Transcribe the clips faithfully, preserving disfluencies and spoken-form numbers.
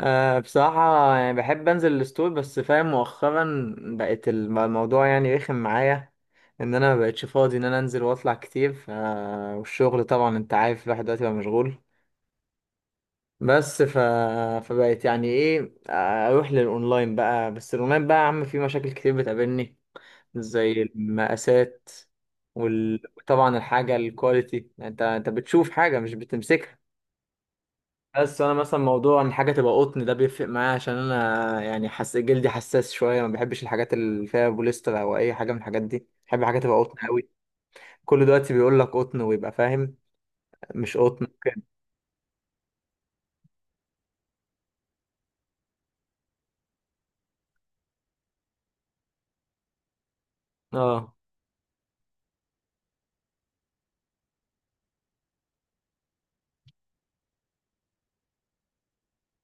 أه، بصراحة يعني بحب أنزل الستور. بس فاهم مؤخرا بقت الم- الموضوع يعني رخم معايا، إن أنا مبقتش فاضي إن أنا أنزل وأطلع كتير ف... والشغل طبعا أنت عارف، الواحد دلوقتي بقى مشغول. بس ف... فبقت يعني إيه، آه، أروح للأونلاين بقى. بس الأونلاين بقى يا عم فيه مشاكل كتير بتقابلني، زي المقاسات وال... وطبعا الحاجة الكواليتي، يعني أنت أنت بتشوف حاجة مش بتمسكها. بس انا مثلا، موضوع ان حاجه تبقى قطن ده بيفرق معايا، عشان انا يعني حس جلدي حساس شويه، ما بحبش الحاجات اللي فيها بوليستر او اي حاجه من الحاجات دي. بحب حاجه تبقى قطن قوي. كل دلوقتي بيقول لك قطن ويبقى فاهم، مش قطن. اه،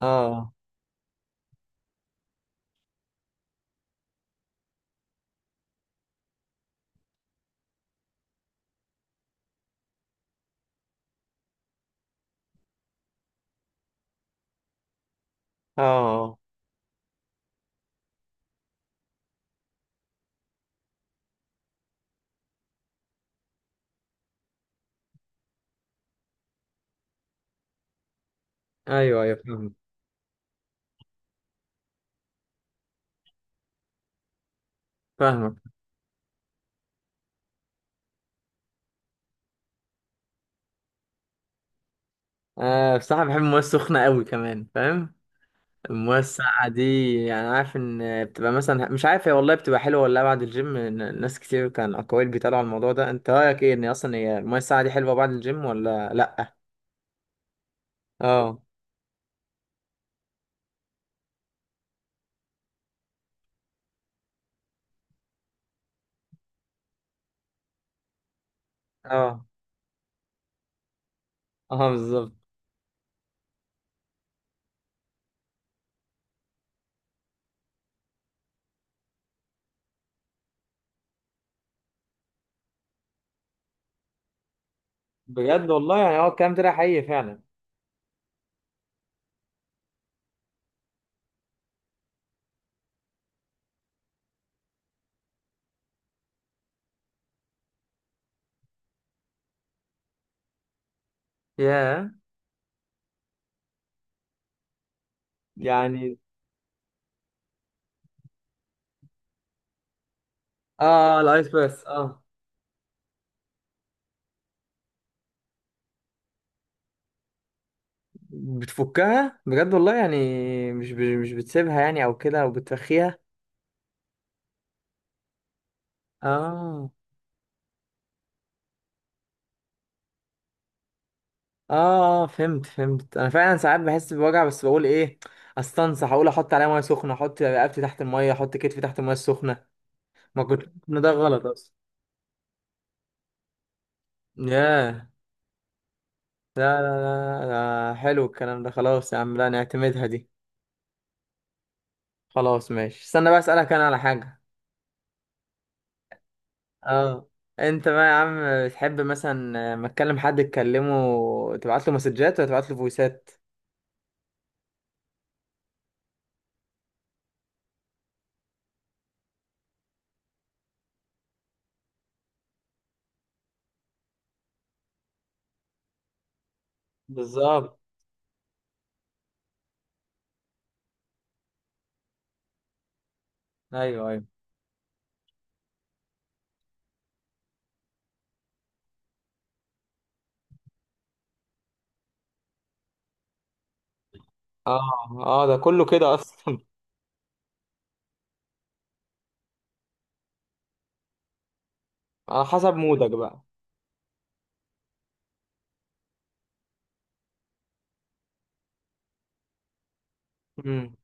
اه، اه. ايوه، ايوه فاهم. فاهمك. آه، بصراحه بحب المويه السخنه قوي كمان، فاهم. المويه الساقعه دي يعني عارف ان بتبقى، مثلا مش عارف هي والله بتبقى حلوه ولا لا بعد الجيم. ن- ناس كتير كان اقاويل بيتقالوا على الموضوع ده، انت رايك ايه ان اصلا هي المويه الساقعه دي حلوه بعد الجيم ولا لا؟ اه، اه، اه بالظبط. بجد والله، يعني هو الكلام ده حقيقي فعلا. ياه. يعني اه الايس بس. اه بتفكها بجد والله يعني، مش ب- مش بتسيبها يعني او كده او بترخيها؟ اه، اه، اه فهمت فهمت. انا فعلا ساعات بحس بوجع، بس بقول ايه، استنصح، اقول احط عليها ميه سخنه، احط رقبتي تحت الميه، احط كتفي تحت الميه السخنه. ما كنت إن ده غلط اصلا. ياه. لا، لا، لا. لا حلو الكلام ده، خلاص يا عم لا نعتمدها دي. خلاص ماشي، استنى بقى اسألك انا على حاجة. اه. انت بقى يا عم، بتحب مثلا ما تكلم حد تكلمه، تبعت له مسجات ولا تبعت له فويسات؟ بالظبط. ايوه، ايوه، اه، اه ده كله كده اصلا. على حسب مودك بقى. امم.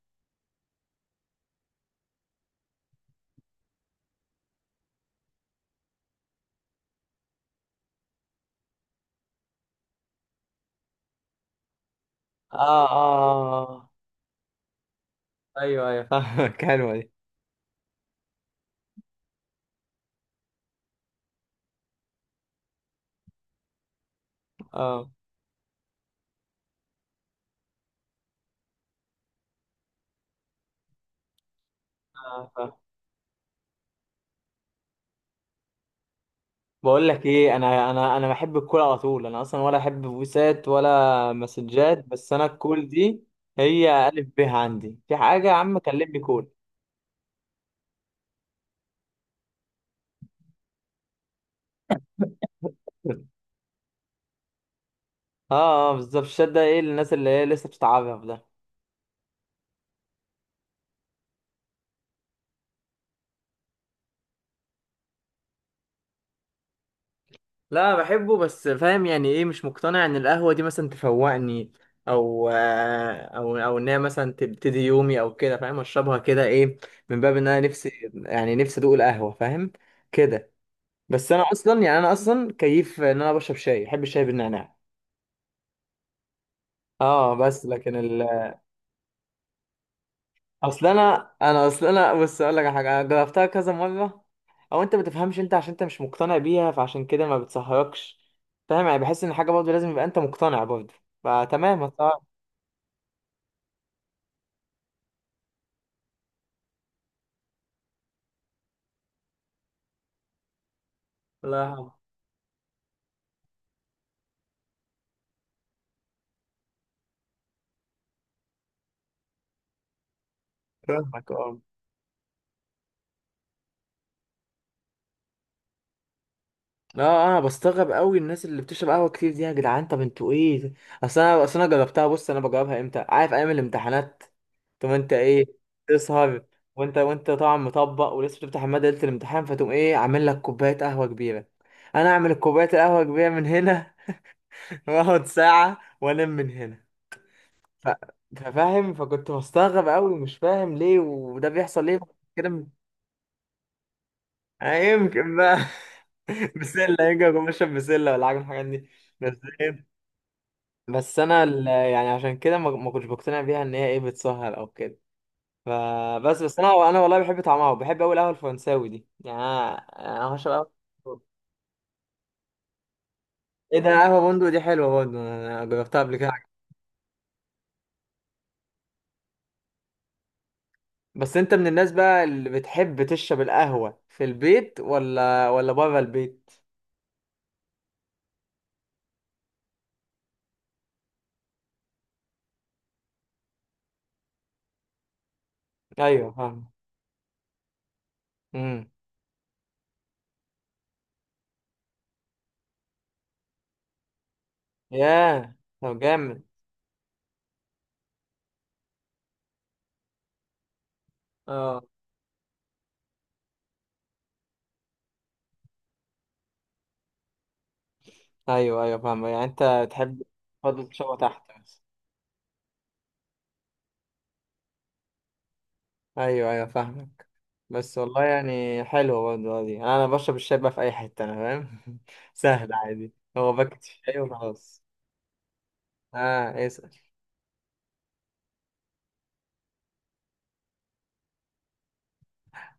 اه، اه، آه. آه. ايوه، ايوه فاهمك. حلوة دي. اه، آه، فاهم. بقول لك ايه، انا انا انا بحب الكول على طول. انا اصلا ولا احب فويسات ولا مسجات، بس انا الكول دي. هي الف ب، عندي في حاجة يا عم كلمني كول. اه، اه بالظبط. الشات ده ايه، للناس اللي هي لسه بتتعرف ده. لا بحبه، بس فاهم يعني ايه، مش مقتنع ان القهوة دي مثلا تفوقني، او آه، او او ان هي مثلا تبتدي يومي او كده، فاهم اشربها كده ايه، من باب ان انا نفسي يعني نفسي ادوق القهوة، فاهم كده. بس انا اصلا، يعني انا اصلا كيف ان انا بشرب شاي، بحب الشاي بالنعناع. اه بس لكن ال- اصل انا انا اصل انا بص اقول لك على حاجه، انا جربتها كذا مره. او انت ما بتفهمش، انت عشان انت مش مقتنع بيها، فعشان كده ما بتسهركش. فاهم، يعني بحس ان حاجه برضه لازم يبقى انت مقتنع برضه، فتمام. الله يرحمه. فاهمك. اه، اه. انا بستغرب قوي الناس اللي بتشرب قهوه كتير دي، يا جدعان طب انتوا ايه؟ اصل انا اصل انا جربتها، بص انا بجربها امتى، عارف، ايام الامتحانات. طب انت ايه، تسهر؟ وانت وانت طبعا مطبق ولسه بتفتح الماده ليله الامتحان، فتقوم ايه عامل لك كوبايه قهوه كبيره. انا اعمل كوبايه القهوه كبيره من هنا، واقعد ساعه وانام من هنا. ف... فاهم، فكنت بستغرب قوي، مش فاهم ليه وده بيحصل ليه. كده يمكن بقى. بسله، يمكن اكون بشرب بسله ولا حاجه من الحاجات دي. بس إيه؟ بس انا ال- يعني عشان كده ما ما كنتش بقتنع بيها ان هي ايه بتسهر او كده. فبس بس انا انا والله بحب طعمها، وبحب قوي القهوه الفرنساوي دي يعني انا. أنا هشرب قهوة. ايه ده، قهوه بندق دي حلوه برضه، انا جربتها قبل كده. بس انت من الناس بقى اللي بتحب تشرب القهوه في البيت ولا ولا بره البيت؟ ايوه فاهم. امم. ياه. طب جامد. اه، ايوه، ايوه فاهم، يعني انت تحب تفضل تشربها تحت بس. ايوه، ايوه فاهم. بس والله يعني حلوة برضه دي، أنا بشرب الشاي بقى في أي حتة، أنا فاهم. سهل عادي، هو باكت الشاي وخلاص. اه اسأل.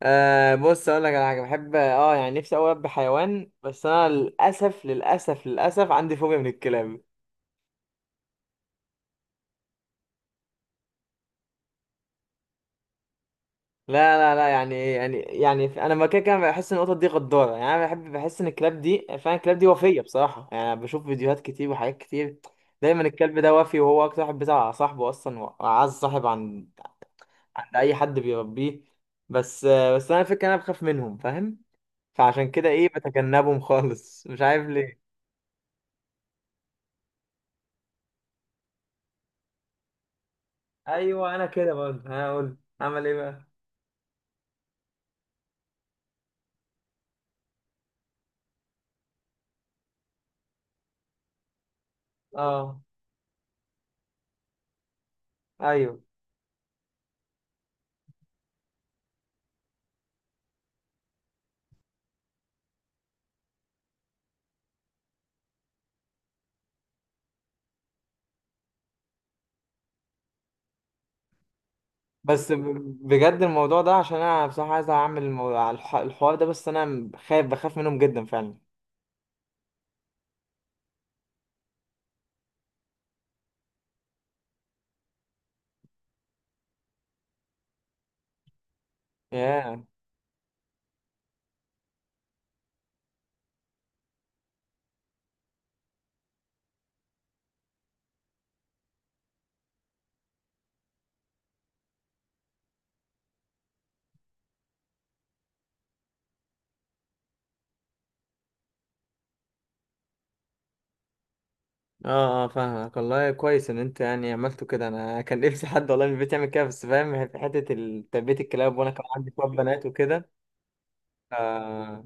آه بص أقول لك على حاجة، بحب اه يعني نفسي أوي أربي حيوان، بس أنا للأسف للأسف للأسف عندي فوبيا من الكلاب. لا، لا، لا. يعني إيه؟ يعني يعني في- انا لما كده كده بحس ان القطط دي غداره، يعني انا بحب، بحس ان الكلاب دي فعلا، الكلاب دي. وفيه بصراحه يعني أنا بشوف فيديوهات كتير وحاجات كتير. دايما الكلب ده، وفي وهو اكتر واحد بيزعل على صاحبه اصلا، واعز صاحب عن عند اي حد بيربيه. بس بس انا الفكره، انا بخاف منهم فاهم، فعشان كده ايه بتجنبهم خالص، مش عارف ليه. ايوه، انا كده برضه، انا اقول اعمل ايه بقى. اه ايوه بس ب- بجد الموضوع ده، عشان انا بصراحه عايز اعمل المو- على الح- الحوار ده، بس انا خايف، بخاف منهم جدا فعلا. ياه. اه، اه فاهمك والله، كويس ان انت يعني عملته كده. انا كان نفسي حد والله من البيت يعمل كده، بس فاهم في حته ال- تربيه الكلاب، وانا كمان عندي شويه بنات وكده. آه.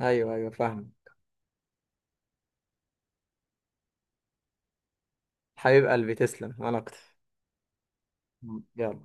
ايوه، ايوه فاهم. حبيب قلبي تسلم، وانا اكتر. يلا.